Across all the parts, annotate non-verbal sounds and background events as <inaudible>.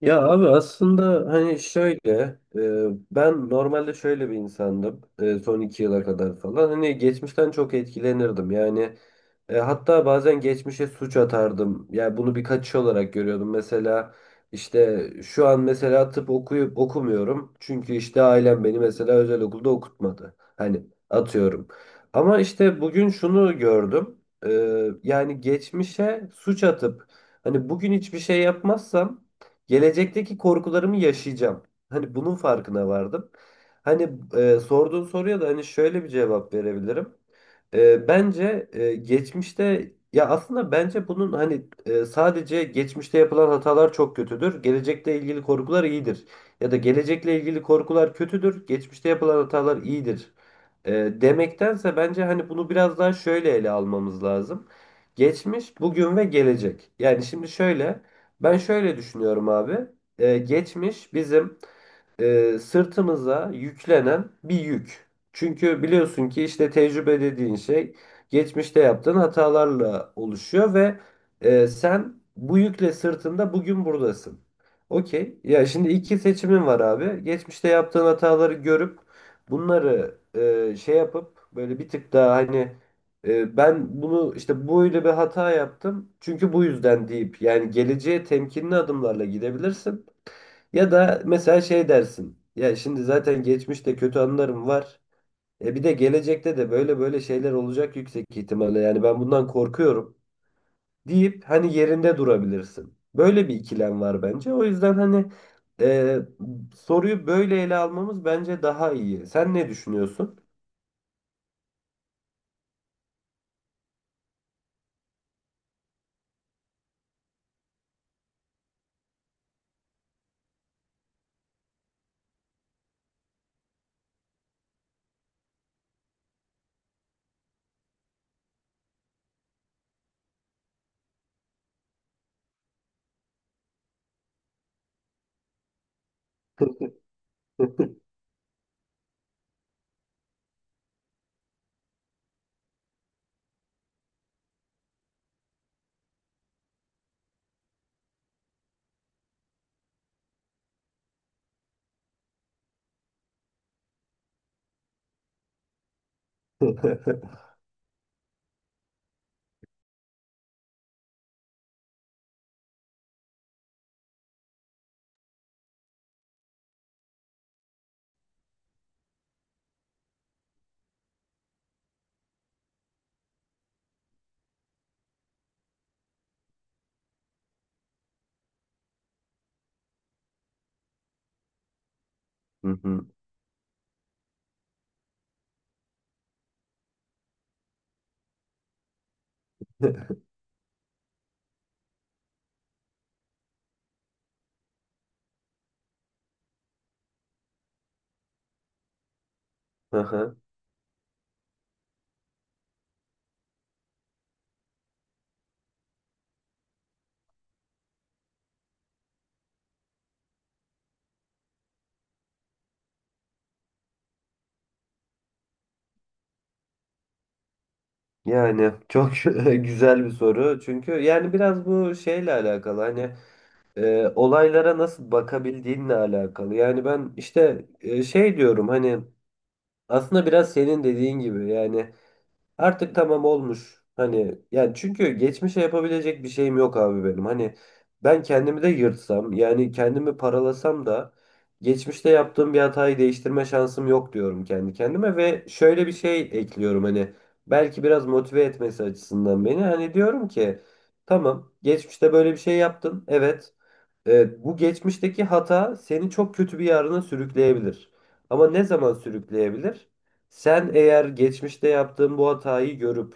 Ya abi aslında hani şöyle e, ben normalde şöyle bir insandım son iki yıla kadar falan hani geçmişten çok etkilenirdim yani hatta bazen geçmişe suç atardım yani bunu bir kaçış olarak görüyordum mesela işte şu an mesela tıp okuyup okumuyorum çünkü işte ailem beni mesela özel okulda okutmadı hani atıyorum ama işte bugün şunu gördüm. E, Yani geçmişe suç atıp hani bugün hiçbir şey yapmazsam gelecekteki korkularımı yaşayacağım. Hani bunun farkına vardım. Hani sorduğun soruya da hani şöyle bir cevap verebilirim. Bence geçmişte ya aslında bence bunun hani sadece geçmişte yapılan hatalar çok kötüdür. Gelecekle ilgili korkular iyidir. Ya da gelecekle ilgili korkular kötüdür. Geçmişte yapılan hatalar iyidir. E, demektense bence hani bunu biraz daha şöyle ele almamız lazım. Geçmiş, bugün ve gelecek. Yani şimdi şöyle. Ben şöyle düşünüyorum abi. Geçmiş bizim sırtımıza yüklenen bir yük. Çünkü biliyorsun ki işte tecrübe dediğin şey geçmişte yaptığın hatalarla oluşuyor ve sen bu yükle sırtında bugün buradasın. Okey. Ya şimdi iki seçimin var abi. Geçmişte yaptığın hataları görüp bunları şey yapıp böyle bir tık daha hani ben bunu işte böyle bir hata yaptım. Çünkü bu yüzden deyip yani geleceğe temkinli adımlarla gidebilirsin. Ya da mesela şey dersin. Ya şimdi zaten geçmişte kötü anılarım var. E bir de gelecekte de böyle böyle şeyler olacak yüksek ihtimalle. Yani ben bundan korkuyorum deyip hani yerinde durabilirsin. Böyle bir ikilem var bence. O yüzden hani e, soruyu böyle ele almamız bence daha iyi. Sen ne düşünüyorsun? <laughs> Hı hı. Aha. Yani çok <laughs> güzel bir soru. Çünkü yani biraz bu şeyle alakalı. Hani olaylara nasıl bakabildiğinle alakalı. Yani ben işte şey diyorum hani aslında biraz senin dediğin gibi yani artık tamam olmuş. Hani yani çünkü geçmişe yapabilecek bir şeyim yok abi benim. Hani ben kendimi de yırtsam yani kendimi paralasam da geçmişte yaptığım bir hatayı değiştirme şansım yok diyorum kendi kendime ve şöyle bir şey ekliyorum hani belki biraz motive etmesi açısından beni hani diyorum ki tamam geçmişte böyle bir şey yaptın, evet. Evet, bu geçmişteki hata seni çok kötü bir yarına sürükleyebilir. Ama ne zaman sürükleyebilir? Sen eğer geçmişte yaptığın bu hatayı görüp,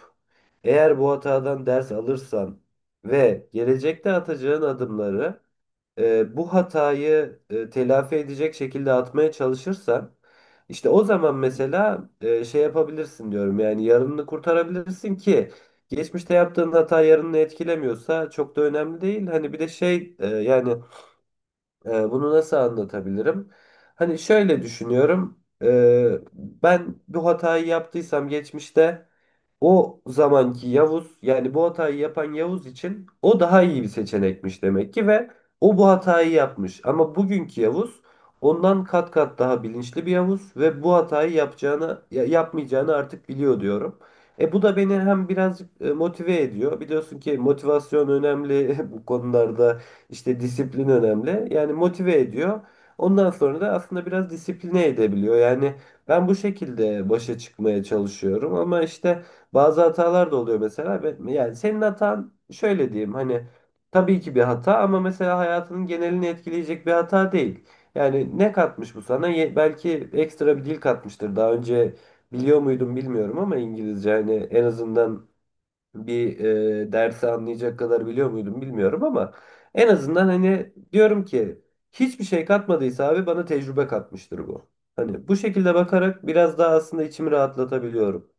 eğer bu hatadan ders alırsan ve gelecekte atacağın adımları bu hatayı telafi edecek şekilde atmaya çalışırsan, işte o zaman mesela şey yapabilirsin diyorum. Yani yarınını kurtarabilirsin ki. Geçmişte yaptığın hata yarını etkilemiyorsa çok da önemli değil. Hani bir de şey bunu nasıl anlatabilirim? Hani şöyle düşünüyorum. Ben bu hatayı yaptıysam geçmişte o zamanki Yavuz yani bu hatayı yapan Yavuz için o daha iyi bir seçenekmiş demek ki ve o bu hatayı yapmış. Ama bugünkü Yavuz ondan kat kat daha bilinçli bir Yavuz ve bu hatayı yapacağını yapmayacağını artık biliyor diyorum. E bu da beni hem birazcık motive ediyor. Biliyorsun ki motivasyon önemli, <laughs> bu konularda işte disiplin önemli. Yani motive ediyor. Ondan sonra da aslında biraz disipline edebiliyor. Yani ben bu şekilde başa çıkmaya çalışıyorum ama işte bazı hatalar da oluyor mesela. Yani senin hatan şöyle diyeyim hani tabii ki bir hata ama mesela hayatının genelini etkileyecek bir hata değil. Yani ne katmış bu sana? Belki ekstra bir dil katmıştır. Daha önce biliyor muydum bilmiyorum ama İngilizce hani en azından bir dersi anlayacak kadar biliyor muydum bilmiyorum ama en azından hani diyorum ki hiçbir şey katmadıysa abi bana tecrübe katmıştır bu. Hani bu şekilde bakarak biraz daha aslında içimi rahatlatabiliyorum.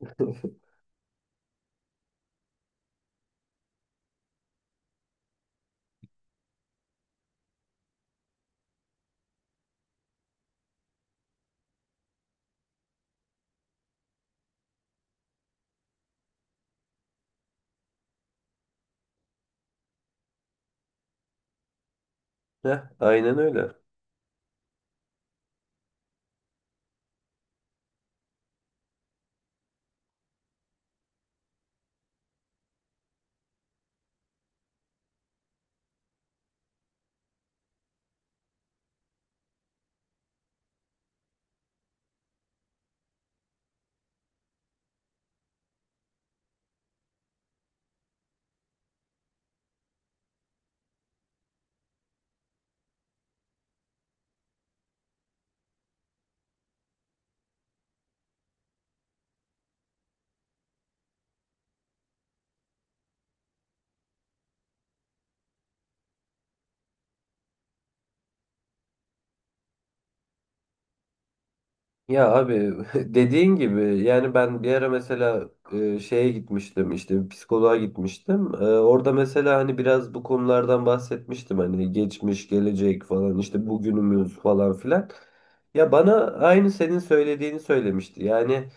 <laughs> Heh, aynen öyle. Ya abi <laughs> dediğin gibi yani ben bir ara mesela şeye gitmiştim işte bir psikoloğa gitmiştim. Orada mesela hani biraz bu konulardan bahsetmiştim hani geçmiş, gelecek falan işte bugünümüz falan filan. Ya bana aynı senin söylediğini söylemişti. Yani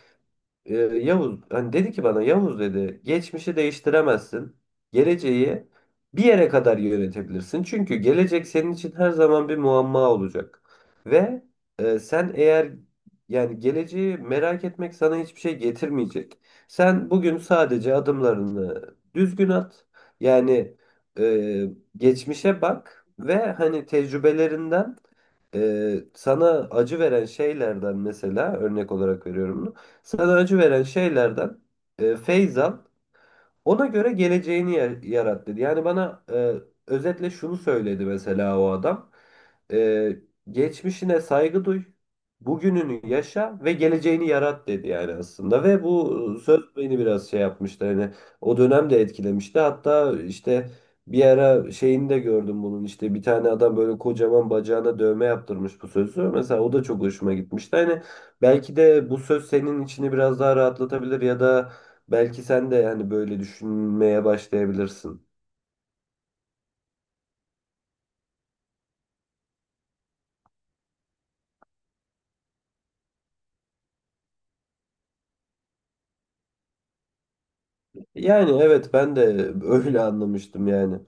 Yavuz hani dedi ki bana, Yavuz dedi, geçmişi değiştiremezsin. Geleceği bir yere kadar yönetebilirsin. Çünkü gelecek senin için her zaman bir muamma olacak. Ve sen eğer yani geleceği merak etmek sana hiçbir şey getirmeyecek. Sen bugün sadece adımlarını düzgün at. Yani e, geçmişe bak ve hani tecrübelerinden sana acı veren şeylerden, mesela örnek olarak veriyorum bunu. Sana acı veren şeylerden feyz al, ona göre geleceğini yarat dedi. Yani bana özetle şunu söyledi mesela o adam. E, Geçmişine saygı duy, bugününü yaşa ve geleceğini yarat dedi yani aslında. Ve bu söz beni biraz şey yapmıştı. Hani o dönem de etkilemişti. Hatta işte bir ara şeyini de gördüm bunun. İşte bir tane adam böyle kocaman bacağına dövme yaptırmış bu sözü. Mesela o da çok hoşuma gitmişti. Hani belki de bu söz senin içini biraz daha rahatlatabilir ya da belki sen de yani böyle düşünmeye başlayabilirsin. Yani evet, ben de <laughs> öyle anlamıştım yani.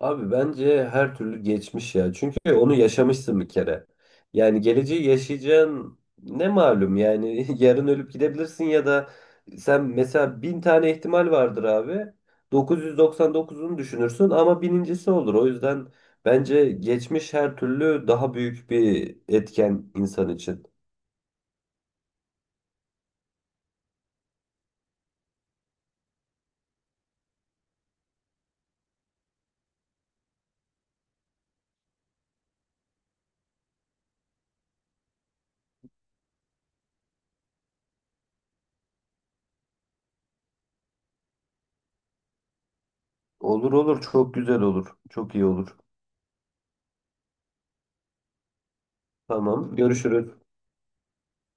Abi bence her türlü geçmiş ya. Çünkü onu yaşamışsın bir kere. Yani geleceği yaşayacağın ne malum yani <laughs> yarın ölüp gidebilirsin ya da sen mesela bin tane ihtimal vardır abi. 999'unu düşünürsün ama binincisi olur. O yüzden bence geçmiş her türlü daha büyük bir etken insan için. Olur olur, çok güzel olur. Çok iyi olur. Tamam. Görüşürüz.